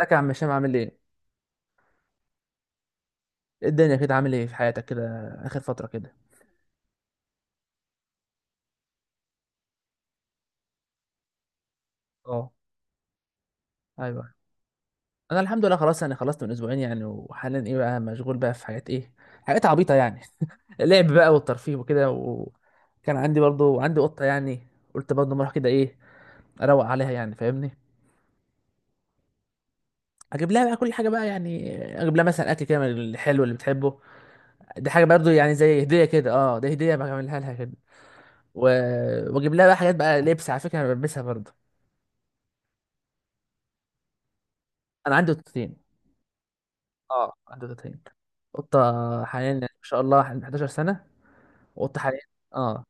ازيك يا عم هشام؟ عامل ايه؟ إيه الدنيا كده؟ عامل ايه في حياتك كده اخر فترة كده؟ اه، ايوه، انا الحمد لله خلاص، يعني خلصت من اسبوعين يعني، وحاليا ايه بقى؟ مشغول بقى في حاجات ايه؟ حاجات عبيطة يعني. اللعب بقى والترفيه وكده، وكان عندي برضو، عندي قطة يعني، قلت برضو ما اروح كده، ايه، اروق عليها يعني، فاهمني؟ اجيب لها بقى كل حاجة بقى يعني، اجيب لها مثلا اكل كده من الحلو اللي بتحبه، دي حاجة برضو يعني زي هدية كده، اه دي هدية بعملها لها كده، و... واجيب لها بقى حاجات بقى لبس، على فكرة انا بلبسها برضو. انا عندي قطتين. اه، عنده 30 قطة حاليا، يعني ما شاء الله، حالياً 11 سنة، وقطة حاليا، اه،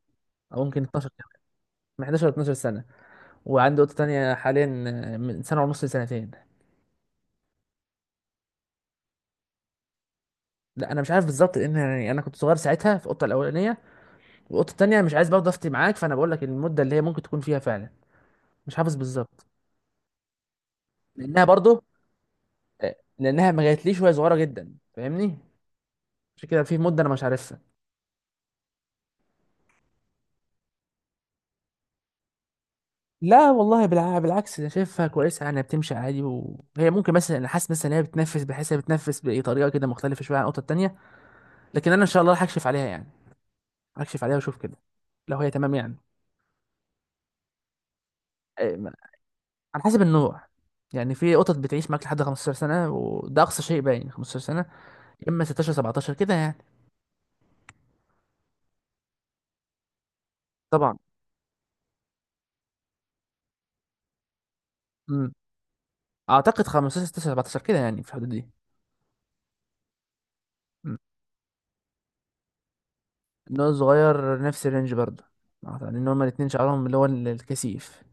أو ممكن 12 كمان، من 11 ل 12 سنة، وعندي قطة تانية حاليا من سنة ونص لسنتين. لا، أنا مش عارف بالظبط، لأن يعني أنا كنت صغير ساعتها في القطة الأولانية، والقطة التانية مش عايز برضه أفتي معاك، فأنا بقول لك المدة اللي هي ممكن تكون فيها فعلا، مش حافظ بالظبط. لأنها برضه لأنها ما جاتليش وهي صغيرة جدا، فاهمني؟ عشان كده في مدة أنا مش عارفها. لا والله، بالعكس، انا شايفها كويسه يعني، بتمشي عادي، وهي ممكن مثلا، انا حاسس مثلا ان هي بتنفس، بحيث هي بتنفس بطريقه كده مختلفه شويه عن القطه التانيه، لكن انا ان شاء الله هكشف عليها يعني، هكشف عليها واشوف كده لو هي تمام يعني. إيه، ما- على حسب النوع. يعني في قطط بتعيش معاك لحد 15 سنه، وده اقصى شيء باين، 15 سنه، يا اما 16، 17 كده يعني. طبعا. امم اعتقد 15، 16، 17 كده يعني، في الحدود دي. امم النوع الصغير نفس الرينج برضه، يعني ان هما الاتنين شعرهم اللي هو الكثيف.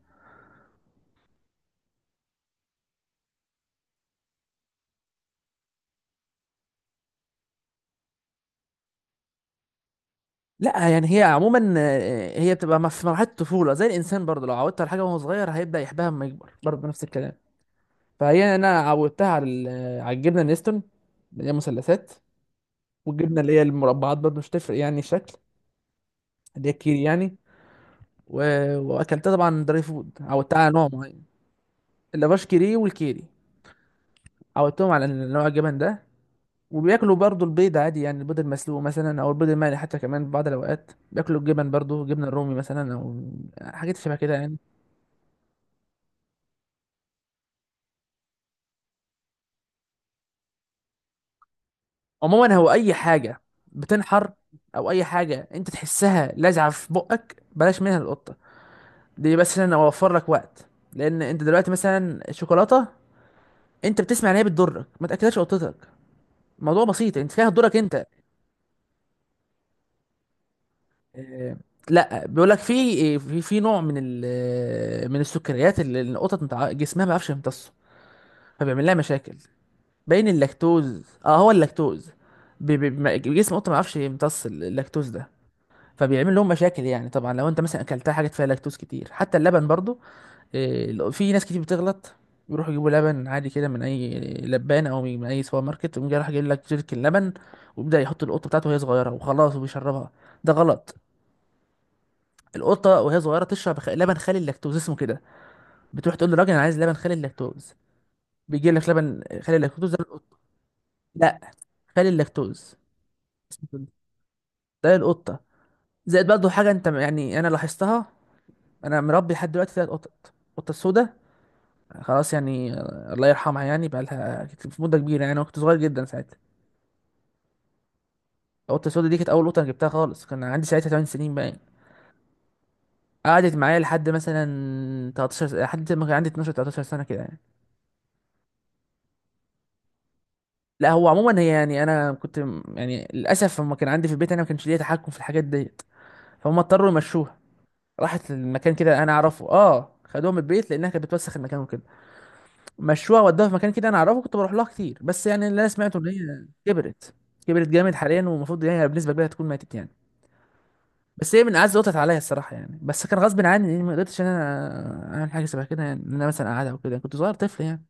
لا يعني هي عموما، هي بتبقى في مرحله الطفوله زي الانسان برضه، لو عودت على حاجه وهو صغير هيبدا يحبها لما يكبر، برضه نفس الكلام. فهي انا عودتها على على الجبنه النستون، اللي هي مثلثات، والجبنه اللي هي المربعات، برضه مش تفرق يعني الشكل، اللي هي الكيري يعني. و... واكلتها طبعا دراي فود، عودتها على نوع معين. اللافاش كيري والكيري، عودتهم على إن نوع الجبن ده. وبياكلوا برضه البيض عادي، يعني البيض المسلوق مثلا، او البيض المقلي حتى، كمان في بعض الاوقات بياكلوا الجبن برضه، جبنه الرومي مثلا، او حاجات شبه كده يعني. عموما هو اي حاجه بتنحر، او اي حاجه انت تحسها لازعه في بقك، بلاش منها القطه، دي بس عشان اوفر لك وقت. لان انت دلوقتي مثلا الشوكولاته، انت بتسمع ان هي بتضرك، ما تاكلهاش قطتك. الموضوع بسيط، انت فيها تضرك انت. آه، لا بيقول لك في نوع من من السكريات، اللي القطط جسمها ما بيعرفش يمتصه، فبيعمل لها مشاكل. بين اللاكتوز، اه هو اللاكتوز. جسم القطه ما بيعرفش يمتص اللاكتوز ده، فبيعمل لهم مشاكل يعني، طبعا لو انت مثلا اكلتها حاجه فيها لاكتوز كتير، حتى اللبن برضو. في ناس كتير بتغلط، بيروحوا يجيبوا لبن عادي كده من اي لبان، او من اي سوبر ماركت، ويقوم جاي راح جايب لك جيركن لبن، ويبدا يحط القطه بتاعته وهي صغيره وخلاص وبيشربها، ده غلط. القطه وهي صغيره تشرب لبن خالي اللاكتوز، اسمه كده. بتروح تقول للراجل، انا عايز لبن خالي اللاكتوز، بيجيب لك لبن خالي اللاكتوز ده للقطة. لا، خالي اللاكتوز، اسمه كده. ده القطه، زائد برضه حاجه انت، يعني انا لاحظتها. انا مربي لحد دلوقتي ثلاث قطط. القطه السوداء خلاص يعني، الله يرحمها، يعني بقى لها في مده كبيره يعني، أنا كنت صغير جدا ساعتها. القطه السودا دي كانت اول قطه أنا جبتها خالص، كان عندي ساعتها 8 سنين بقى يعني. قعدت معايا لحد مثلا لحد ما كان عندي 12، 13 سنه كده يعني. لا هو عموما هي، يعني انا كنت يعني للاسف لما كان عندي في البيت انا، ما كانش ليا تحكم في الحاجات ديت، فهم اضطروا يمشوها. راحت لمكان كده انا اعرفه، اه، خدوها من البيت لانها كانت بتوسخ المكان وكده. مشوها ودوها في مكان كده انا اعرفه، كنت بروح لها كتير، بس يعني اللي انا سمعته ان هي كبرت، كبرت جامد حاليا، والمفروض ان هي بنسبه كبيره تكون ماتت يعني. بس هي من اعز وطت عليا الصراحه يعني، بس كان غصب عني يعني، ما قدرتش ان انا اعمل حاجه شبه كده يعني، ان انا مثلا اقعدها او كده، كنت صغير طفل يعني.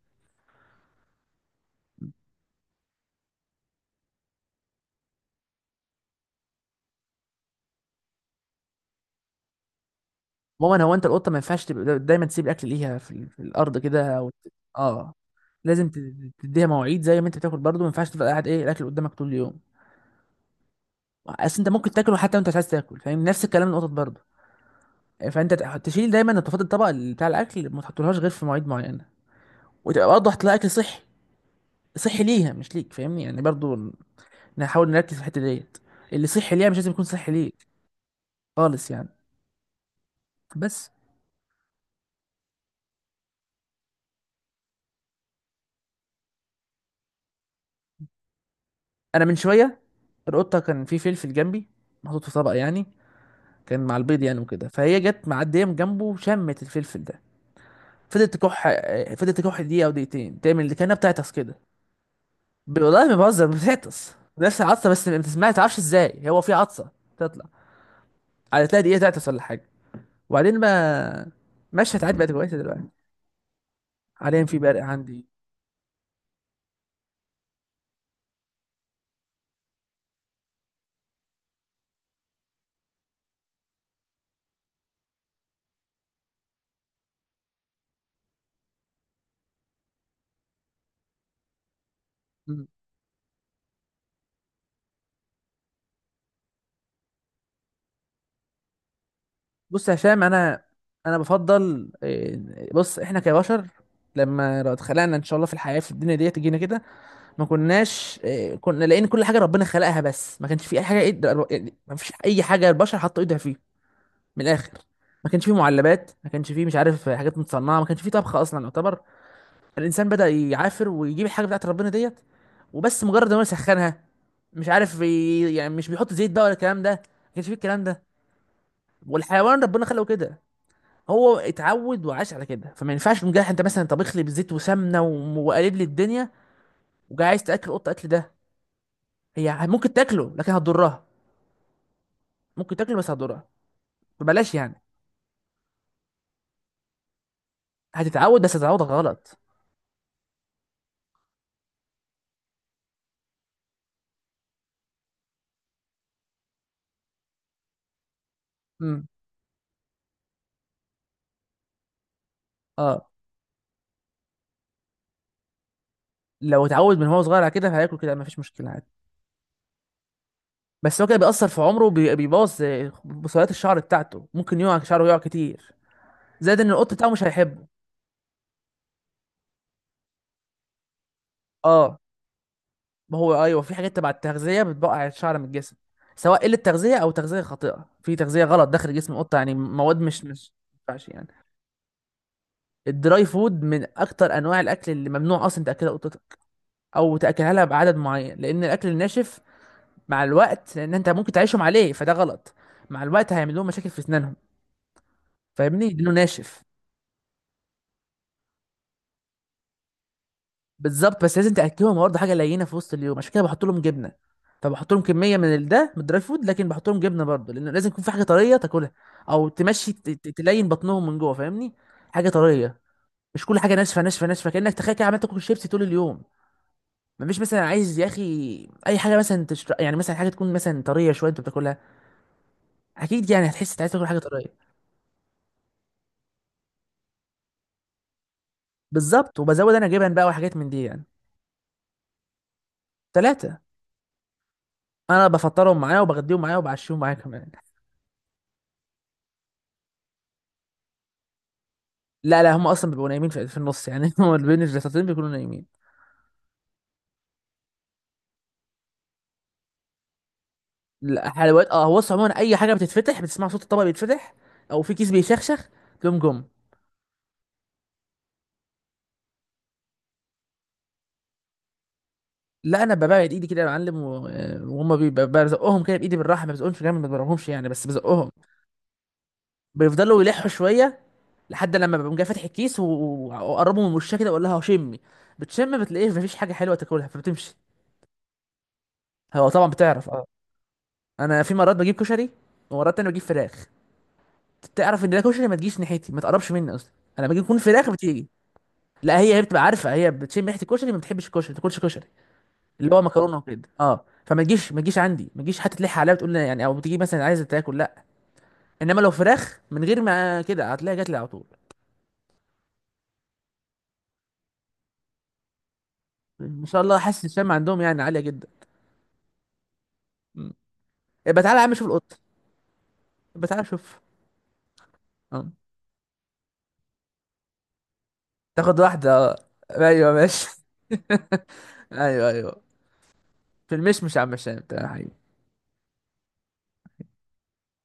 عموما هو انت القطه ما ينفعش تبقى دايما تسيب الاكل ليها في الارض كده، اه لازم تديها مواعيد، زي ما انت بتاكل برضه، ما ينفعش تفضل قاعد ايه الاكل قدامك طول اليوم. اصل انت ممكن تاكله حتى وانت مش عايز تاكل، فاهم، نفس الكلام القطط برضه. فانت تشيل دايما نظافات الطبق اللي بتاع الاكل، ما تحطولهاش غير في مواعيد معينه، وتبقى برضه هتلاقي اكل صحي، صحي ليها مش ليك، فاهمني يعني برضه. نحاول نركز في الحته ديت، اللي صحي ليها مش لازم يكون صحي ليك خالص يعني. بس انا من شويه القطه، كان في فلفل جنبي، محطوط في طبق يعني، كان مع البيض يعني وكده، فهي جت معديه من جنبه، شمت الفلفل ده، فضلت تكح، فضلت تكح دقيقه او دقيقتين، تعمل اللي كانها بتعطس كده. والله ما بهزر، بتعطس نفس العطسه بس ما بتسمعش، ما تعرفش ازاي هو في عطسه تطلع. هتلاقي دقيقة تعطس ولا حاجة، وبعدين بقى مشهد عادي، بقت كويسة دلوقتي، حاليا في برق عندي. مم. بص يا هشام أنا، أنا بفضل بص، إحنا كبشر، لما لو اتخلقنا إن شاء الله في الحياة في الدنيا دي تجينا كده، ما كناش كنا لقينا كل حاجة ربنا خلقها، بس ما كانش في أي حاجة يعني ما فيش أي حاجة البشر حطوا إيدها فيه، من الآخر. ما كانش فيه معلبات، ما كانش فيه مش عارف حاجات متصنعة، ما كانش فيه طبخ أصلا يعتبر. الانسان بدأ يعافر ويجيب الحاجه بتاعت ربنا ديت، وبس مجرد ما هو يسخنها، مش عارف يعني مش بيحط زيت بقى ولا الكلام ده، ما كانش فيه الكلام ده. والحيوان ربنا خلقه كده، هو اتعود وعاش على كده، فما ينفعش مجرد انت مثلا طبخ لي بزيت وسمنه وقالب لي الدنيا، وجاي عايز تاكل قطه اكل ده، هي ممكن تاكله لكن هتضرها، ممكن تاكله بس هتضرها، فبلاش يعني. هتتعود بس هتتعود غلط. امم اه لو اتعود من هو صغير على كده هياكل كده، مفيش مشكله عادي. بس هو كده بيأثر في عمره، بيبوظ بصيلات الشعر بتاعته، ممكن يقع شعره، يقع كتير. زائد ان القط بتاعه مش هيحبه. اه ما هو ايوه، في حاجات تبع التغذيه بتبقع الشعر من الجسم، سواء قله تغذيه او تغذيه خاطئه، في تغذيه غلط داخل جسم القطه يعني، مواد مش ما ينفعش يعني. الدراي فود من اكتر انواع الاكل اللي ممنوع اصلا تاكلها قطتك، او تاكلها لها بعدد معين، لان الاكل الناشف مع الوقت، لان انت ممكن تعيشهم عليه فده غلط، مع الوقت هيعمل لهم مشاكل في اسنانهم، فاهمني، لانه ناشف. بالظبط، بس لازم تاكلهم برضه حاجه لينه في وسط اليوم، عشان كده بحط لهم جبنه. فبحط لهم كميه من ال- ده من الدراي فود، لكن بحط لهم جبنه برضه، لان لازم يكون في حاجه طريه تاكلها، او تمشي تلين بطنهم من جوه، فاهمني، حاجه طريه. مش كل حاجه ناشفه ناشفه ناشفه، كانك تخيل كده عمال تاكل شيبسي طول اليوم. مفيش مثلا، عايز يا اخي اي حاجه مثلا يعني مثلا حاجه تكون مثلا طريه شويه انت بتاكلها، اكيد يعني هتحس إنت عايز تاكل حاجه طريه. بالظبط، وبزود انا جبن بقى وحاجات من دي يعني. ثلاثه، انا بفطرهم معايا وبغديهم معايا وبعشيهم معايا كمان. لا لا، هم اصلا بيبقوا نايمين في النص يعني، هم بين الجلساتين بيكونوا نايمين. لا، حلويات، اه هو بص عموما اي حاجه بتتفتح، بتسمع صوت الطبق بيتفتح، او في كيس بيشخشخ، تقوم جم. لا انا ببعد ايدي كده يا معلم وهم بزقهم كده بايدي بالراحه، ما بزقهمش جامد، ما بضربهمش يعني، بس بزقهم. بيفضلوا يلحوا شويه، لحد لما بقوم جاي فاتح الكيس واقربه من وشها كده، واقول لها شمي، بتشم بتلاقيه مفيش حاجه حلوه تاكلها فبتمشي. هو طبعا بتعرف، اه. انا في مرات بجيب كشري، ومرات تانية بجيب فراخ، تعرف ان الكشري ما تجيش ناحيتي، ما تقربش مني اصلا، انا باجي اكون في الاخر بتيجي. لا هي، هي بتبقى عارفه، هي بتشم ريحه الكشري، ما بتحبش الكشري، ما تاكلش كشري، اللي هو مكرونه وكده، اه فما تجيش، ما تجيش عندي، ما تجيش حتى تلح عليا وتقول لي يعني، او بتيجي مثلا عايزه تاكل، لا. انما لو فراخ من غير ما كده، هتلاقيها جات لي على طول. ان شاء الله، حاسس الشم عندهم يعني عاليه جدا. مم. يبقى تعالى يا عم شوف القط، يبقى تعالى شوف. اه، تاخد واحده آه. ايوه ماشي. ايوه ايوه. في المشمش يا عم هشام، تعالى يا حبيبي.